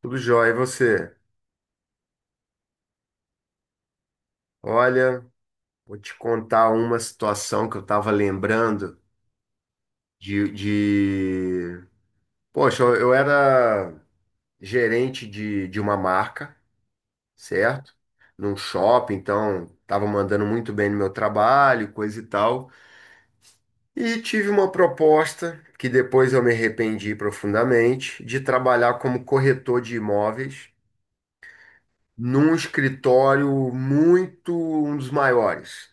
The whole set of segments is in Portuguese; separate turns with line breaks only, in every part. Tudo jóia, e você? Olha, vou te contar uma situação que eu estava lembrando de, de... Poxa, eu era gerente de uma marca, certo? Num shopping, então estava mandando muito bem no meu trabalho, coisa e tal. E tive uma proposta, que depois eu me arrependi profundamente, de trabalhar como corretor de imóveis num escritório muito, um dos maiores.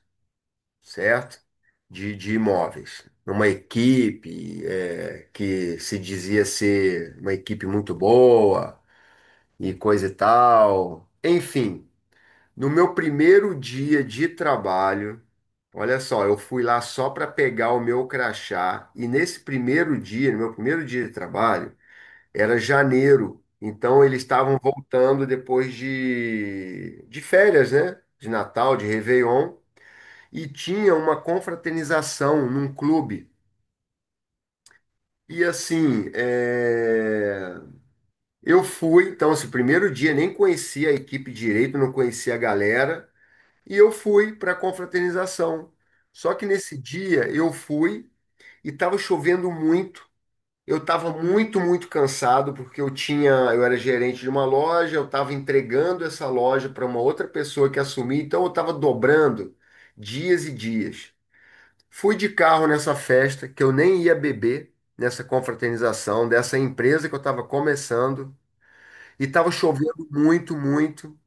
Certo? De imóveis. Uma equipe que se dizia ser uma equipe muito boa e coisa e tal. Enfim, no meu primeiro dia de trabalho, olha só, eu fui lá só para pegar o meu crachá e nesse primeiro dia, no meu primeiro dia de trabalho, era janeiro. Então eles estavam voltando depois de férias, né? De Natal, de Réveillon e tinha uma confraternização num clube. E assim, eu fui, então, esse primeiro dia nem conhecia a equipe direito, não conhecia a galera, e eu fui para a confraternização. Só que nesse dia eu fui e estava chovendo muito. Eu estava muito, muito cansado porque eu tinha, eu era gerente de uma loja, eu estava entregando essa loja para uma outra pessoa que assumia, então eu estava dobrando dias e dias. Fui de carro nessa festa que eu nem ia beber, nessa confraternização dessa empresa que eu estava começando, e estava chovendo muito, muito.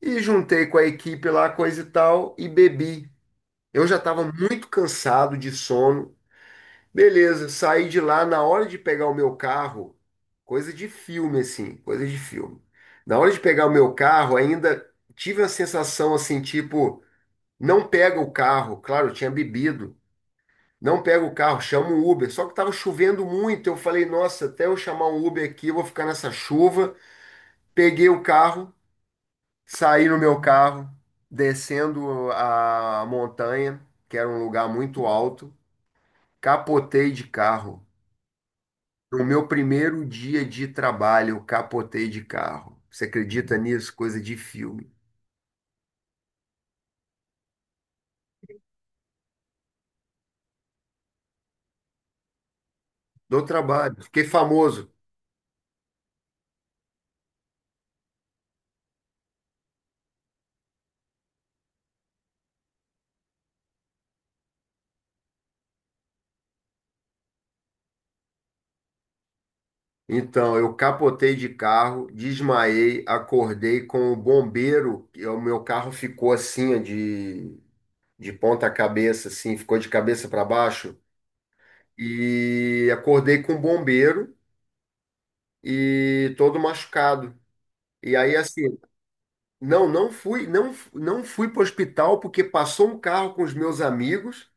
E juntei com a equipe lá, coisa e tal, e bebi. Eu já estava muito cansado de sono. Beleza, saí de lá na hora de pegar o meu carro, coisa de filme assim, coisa de filme. Na hora de pegar o meu carro, ainda tive a sensação assim, tipo, não pega o carro. Claro, eu tinha bebido. Não pego o carro, chamo um Uber. Só que estava chovendo muito. Eu falei, nossa, até eu chamar um Uber aqui, eu vou ficar nessa chuva. Peguei o carro, saí no meu carro, descendo a montanha, que era um lugar muito alto. Capotei de carro. No meu primeiro dia de trabalho, eu capotei de carro. Você acredita nisso? Coisa de filme. Do trabalho. Fiquei famoso. Então, eu capotei de carro, desmaiei, acordei com o bombeiro, e o meu carro ficou assim, ó, de ponta cabeça, assim, ficou de cabeça para baixo, e acordei com o bombeiro e todo machucado. E aí, assim, não, não fui para o hospital porque passou um carro com os meus amigos.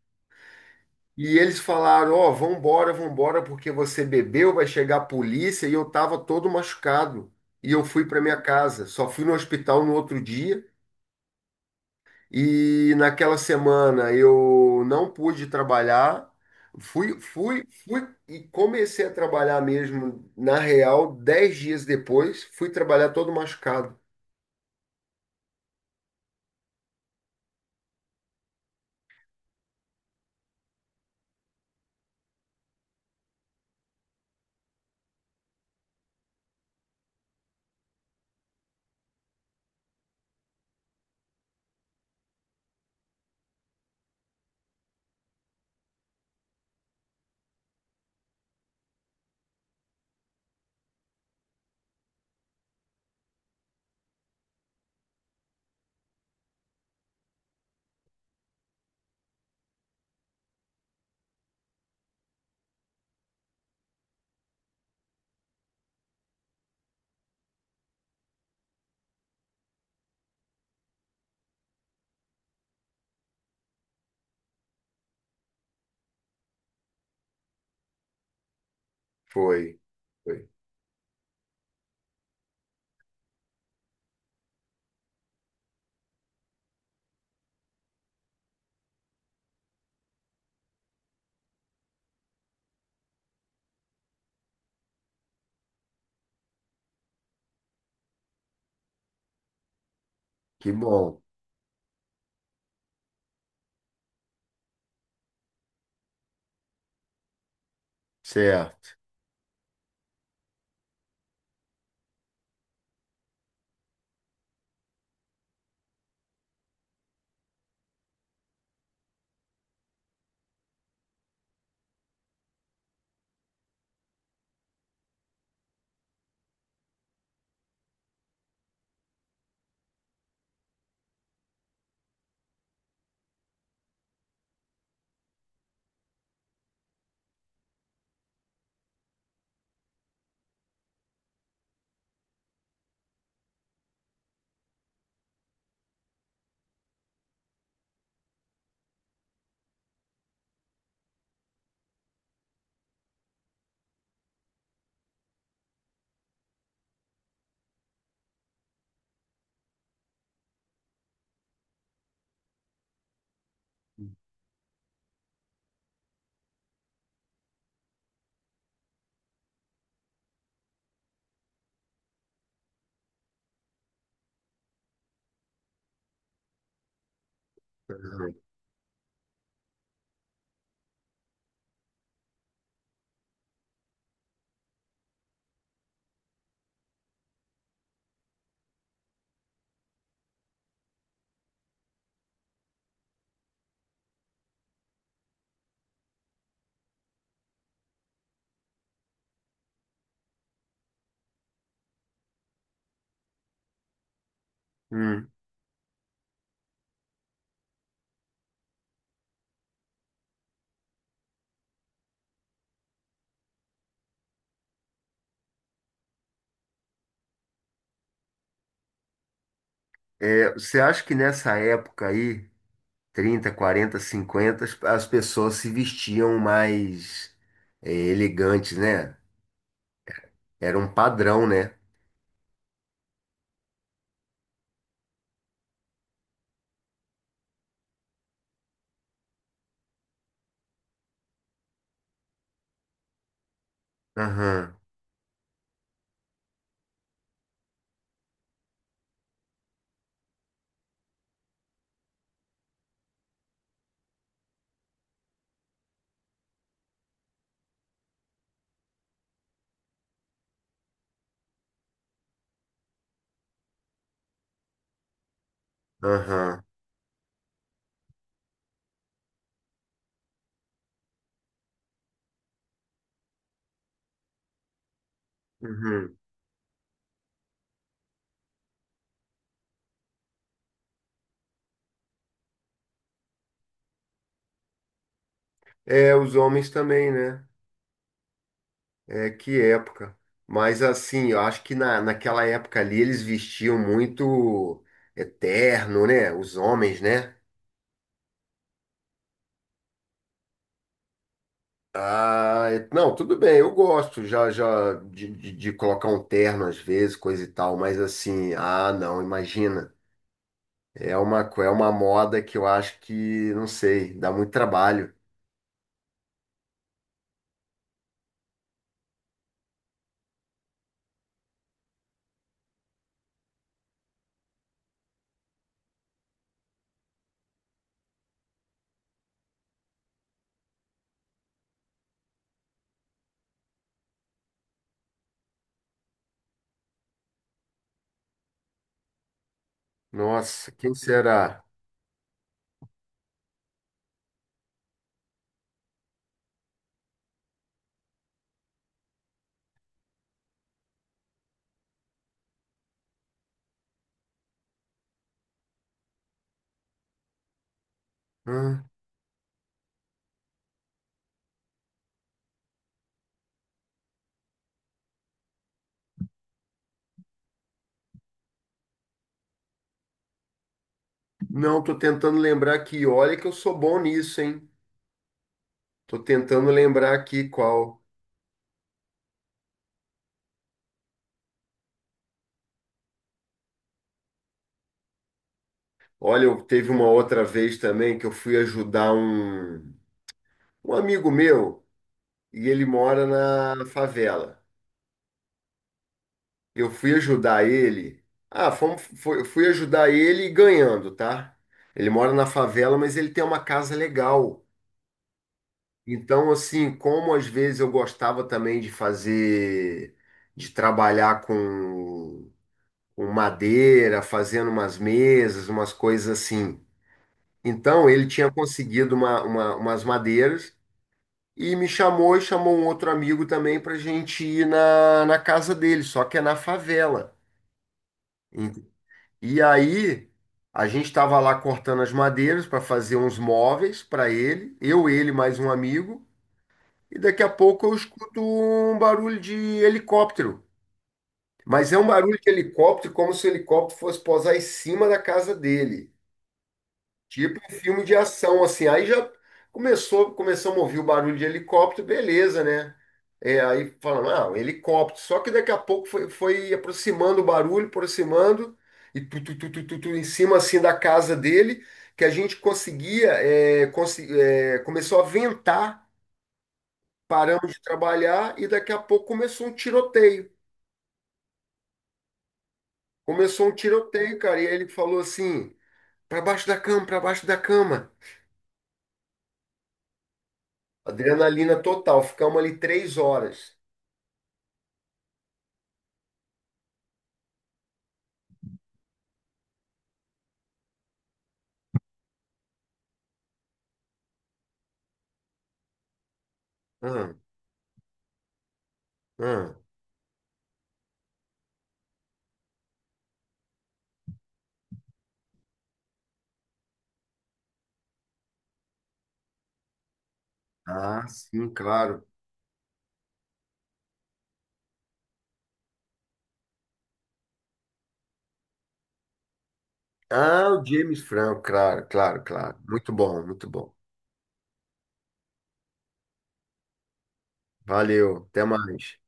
E eles falaram, ó, vambora, vambora, porque você bebeu, vai chegar a polícia, e eu tava todo machucado. E eu fui para minha casa. Só fui no hospital no outro dia, e naquela semana eu não pude trabalhar. Fui e comecei a trabalhar mesmo, na real, 10 dias depois, fui trabalhar todo machucado. Foi, foi. Que bom. Certo. Uhum. Hum. É, você acha que nessa época aí 30, 40, 50, as pessoas se vestiam mais elegantes, né? Era um padrão, né? Aham, aham, uhum. É, os homens também, né? É, que época. Mas assim, eu acho que na, naquela época ali eles vestiam muito eterno, né? Os homens, né? Ah, não, tudo bem, eu gosto já já de, colocar um terno às vezes, coisa e tal, mas assim, ah, não, imagina. É uma, é uma moda que eu acho que, não sei, dá muito trabalho. Nossa, quem será? Hã? Não, tô tentando lembrar aqui. Olha que eu sou bom nisso, hein? Tô tentando lembrar aqui qual. Olha, eu teve uma outra vez também que eu fui ajudar um, um amigo meu e ele mora na favela. Eu fui ajudar ele. Ah, fomos, fui ajudar ele ganhando, tá? Ele mora na favela, mas ele tem uma casa legal. Então, assim, como às vezes eu gostava também de fazer, de trabalhar com madeira, fazendo umas mesas, umas coisas assim. Então, ele tinha conseguido uma, umas madeiras e me chamou e chamou um outro amigo também para gente ir na, na casa dele, só que é na favela. Ent- E aí, a gente estava lá cortando as madeiras para fazer uns móveis para ele, eu, ele, mais um amigo. E daqui a pouco eu escuto um barulho de helicóptero. Mas é um barulho de helicóptero como se o helicóptero fosse pousar em cima da casa dele. Tipo um filme de ação, assim. Aí já começamos a ouvir o barulho de helicóptero, beleza, né? É, aí falando, ah, um helicóptero. Só que daqui a pouco foi aproximando o barulho, aproximando, e tu, tu, tu, tu, tu, tu, em cima, assim, da casa dele, que a gente conseguia, começou a ventar. Paramos de trabalhar e daqui a pouco começou um tiroteio. Começou um tiroteio, cara. E aí ele falou assim: pra baixo da cama, pra baixo da cama. Adrenalina total. Ficamos ali 3 horas. Ah, ah, ah, sim, claro. Ah, o James Franco, claro, claro, claro. Muito bom, muito bom. Valeu, até mais.